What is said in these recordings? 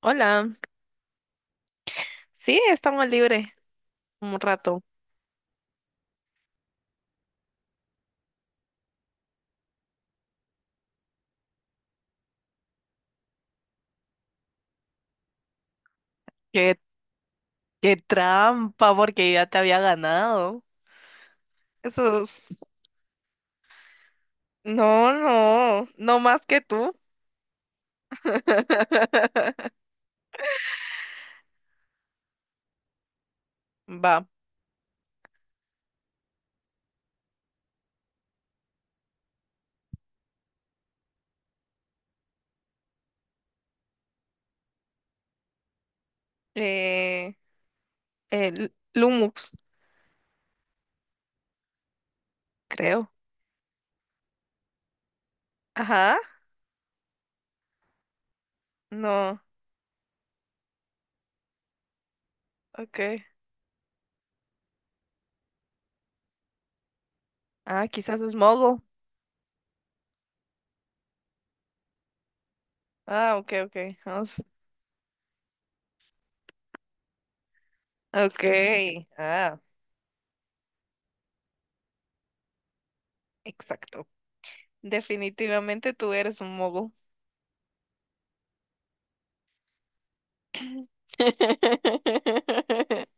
Hola, sí, estamos libres un rato. Qué, qué trampa, porque ya te había ganado. Eso es... No, no, no más que tú. Va. Eh, el Lumux, creo. Ajá, no, ok. Ah, quizás es Mogo. Ah, ok, ok. Vamos. Ok, ah, exacto. Definitivamente tú eres un Mogo.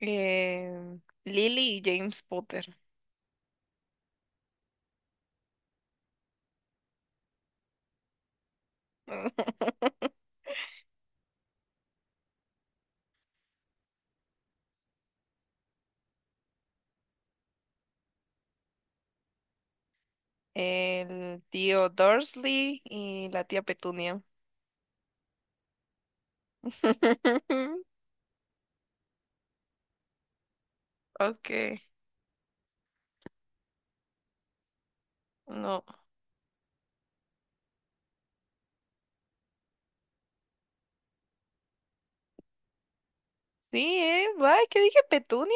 Eh, Lily y James Potter. El tío Dursley y la tía Petunia. Okay, no. Sí, ¿eh? Ay, ¿qué dije? Petunia.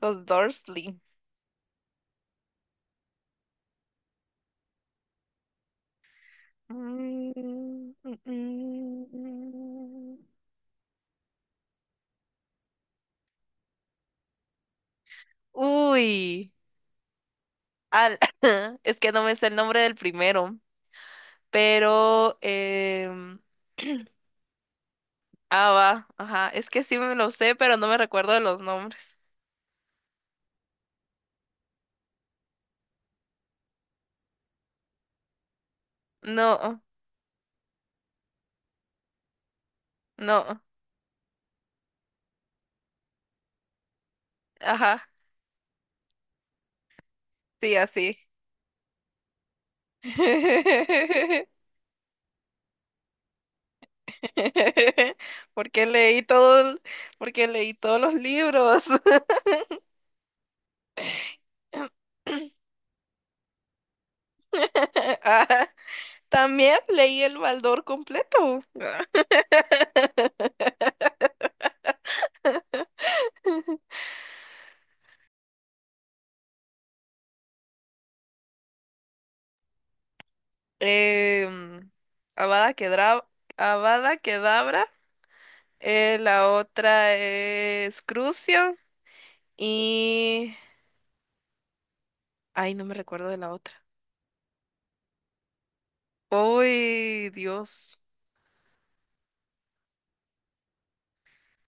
Los Dursley. Mm, mm, mm. mm. Uy. Al... Es que no me sé el nombre del primero, pero... Ah, va. Ajá. Es que sí me lo sé, pero no me recuerdo de los nombres. No. No, ajá, sí, así. Porque leí todo, el- porque leí todos los libros. Ah, también leí el Baldor completo. Em, Avada Kedavra, Avada Kedavra, la otra es Crucio y... Ay, no me recuerdo de la otra. Uy, Dios.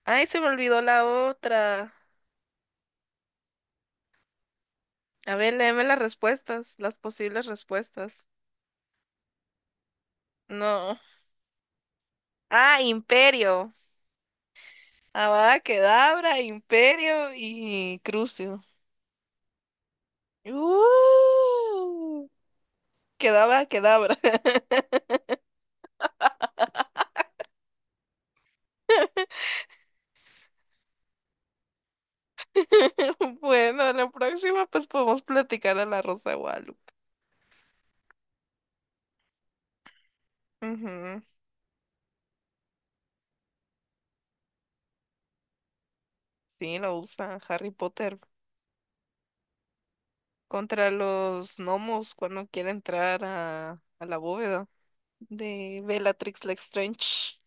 Ay, se me olvidó la otra. A ver, léeme las respuestas, las posibles respuestas. No. Ah, Imperio. Avada Kedavra, Imperio y Crucio. Uh, Kedavra. Bueno, la próxima pues podemos platicar de la Rosa de Guadalupe. Ujú. Sí, lo usa Harry Potter contra los gnomos cuando quiere entrar a la bóveda de Bellatrix Lestrange,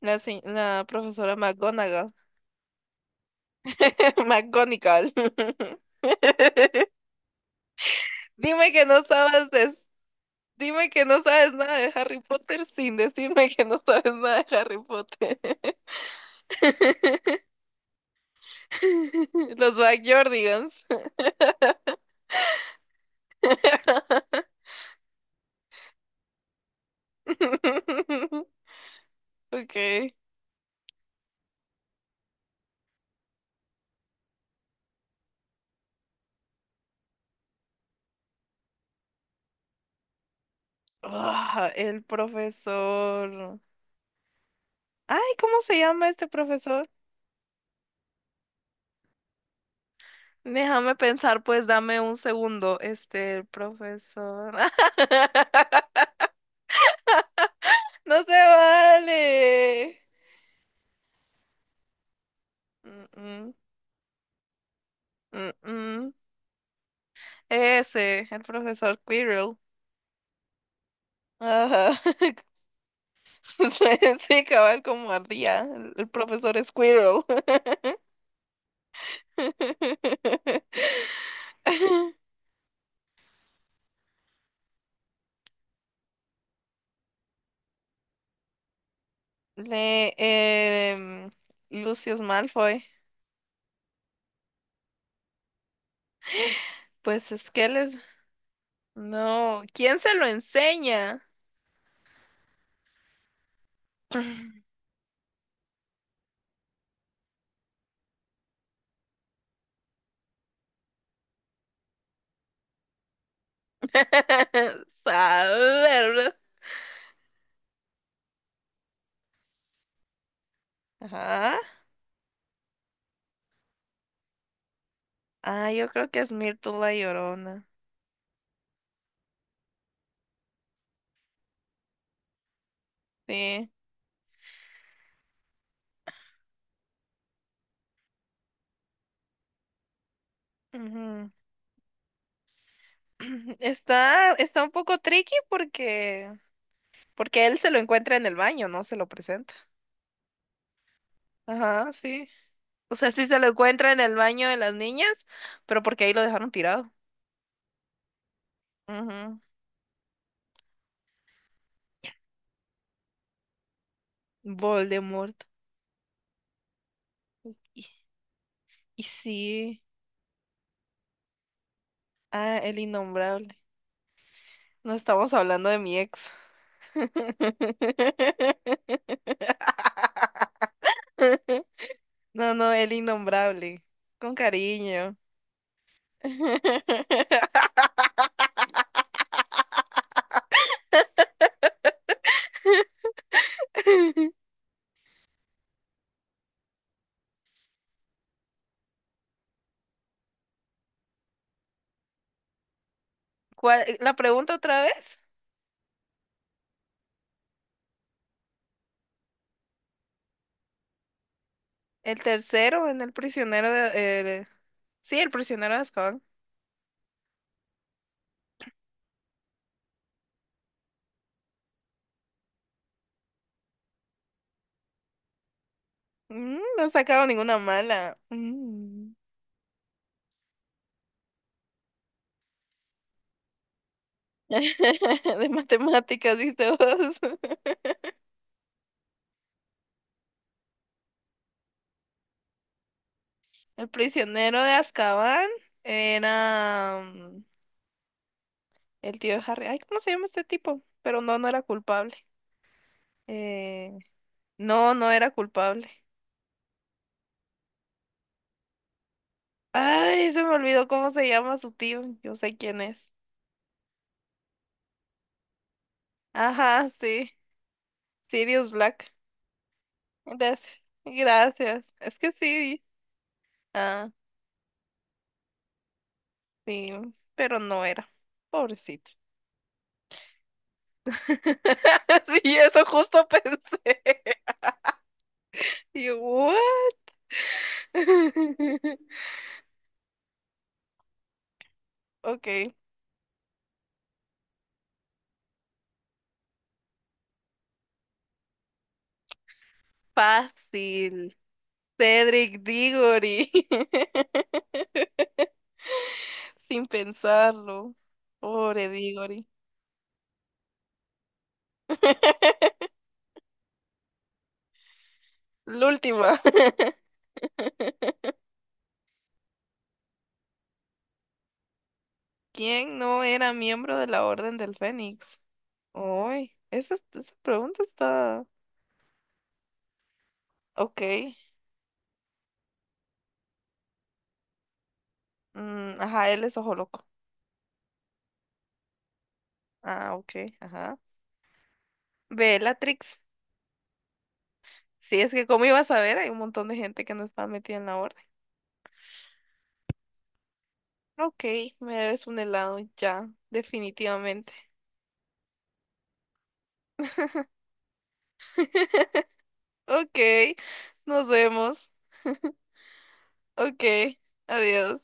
la profesora McGonagall. McGonagall. Dime que no sabes de- dime que no sabes nada de Harry Potter sin decirme que no sabes nada de Harry Potter. Los Backyardigans. Okay. Ah, el profesor. Ay, ¿cómo se llama este profesor? Déjame pensar, pues dame un segundo. Este, el profesor. No se vale. Mm, mm, mm, mm. Ese, el profesor Quirrell. Ajá. Sí, cabal, como ardía. El profesor Squirrel. Le, em, Lucius Malfoy. Pues es que les... No, ¿quién se lo enseña? Saber. Ajá. Ah, yo creo que es Myrtle la Llorona. Sí. Ujú. Está un poco tricky porque porque él se lo encuentra en el baño, no se lo presenta. Ajá, sí. O sea, sí se lo encuentra en el baño de las niñas, pero porque ahí lo dejaron tirado. Ujú. Voldemort. Y, y sí. Ah, el innombrable. No estamos hablando de mi ex. No, no, el innombrable. Con cariño. ¿Cuál, la pregunta otra vez? El tercero en el prisionero de... el- sí, el prisionero de Azkaban. Mm, no he sacado ninguna mala. Mm. De matemáticas, dice vos. El prisionero de Azkaban era el tío de Harry. Ay, ¿cómo se llama este tipo? Pero no, no era culpable. Eh, no, no era culpable. Ay, se me olvidó cómo se llama su tío. Yo sé quién es. Ajá, sí. Sirius Black. Gracias. Gracias. Es que sí. Ah, sí. Pero no era. Pobrecito. Sí, eso justo pensé. Y yo, "What?". Ok, fácil. Cedric Diggory. Sin pensarlo. Pobre Diggory. La última. ¿Quién no era miembro de la Orden del Fénix? Uy, esa pregunta está... Ok. Mm, ajá, él es ojo loco. Ah, ok, ajá. Bellatrix. Sí, es que como iba a saber, hay un montón de gente que no está metida en la orden. Ok, me debes un helado ya, definitivamente. Ok, nos vemos. Ok, adiós.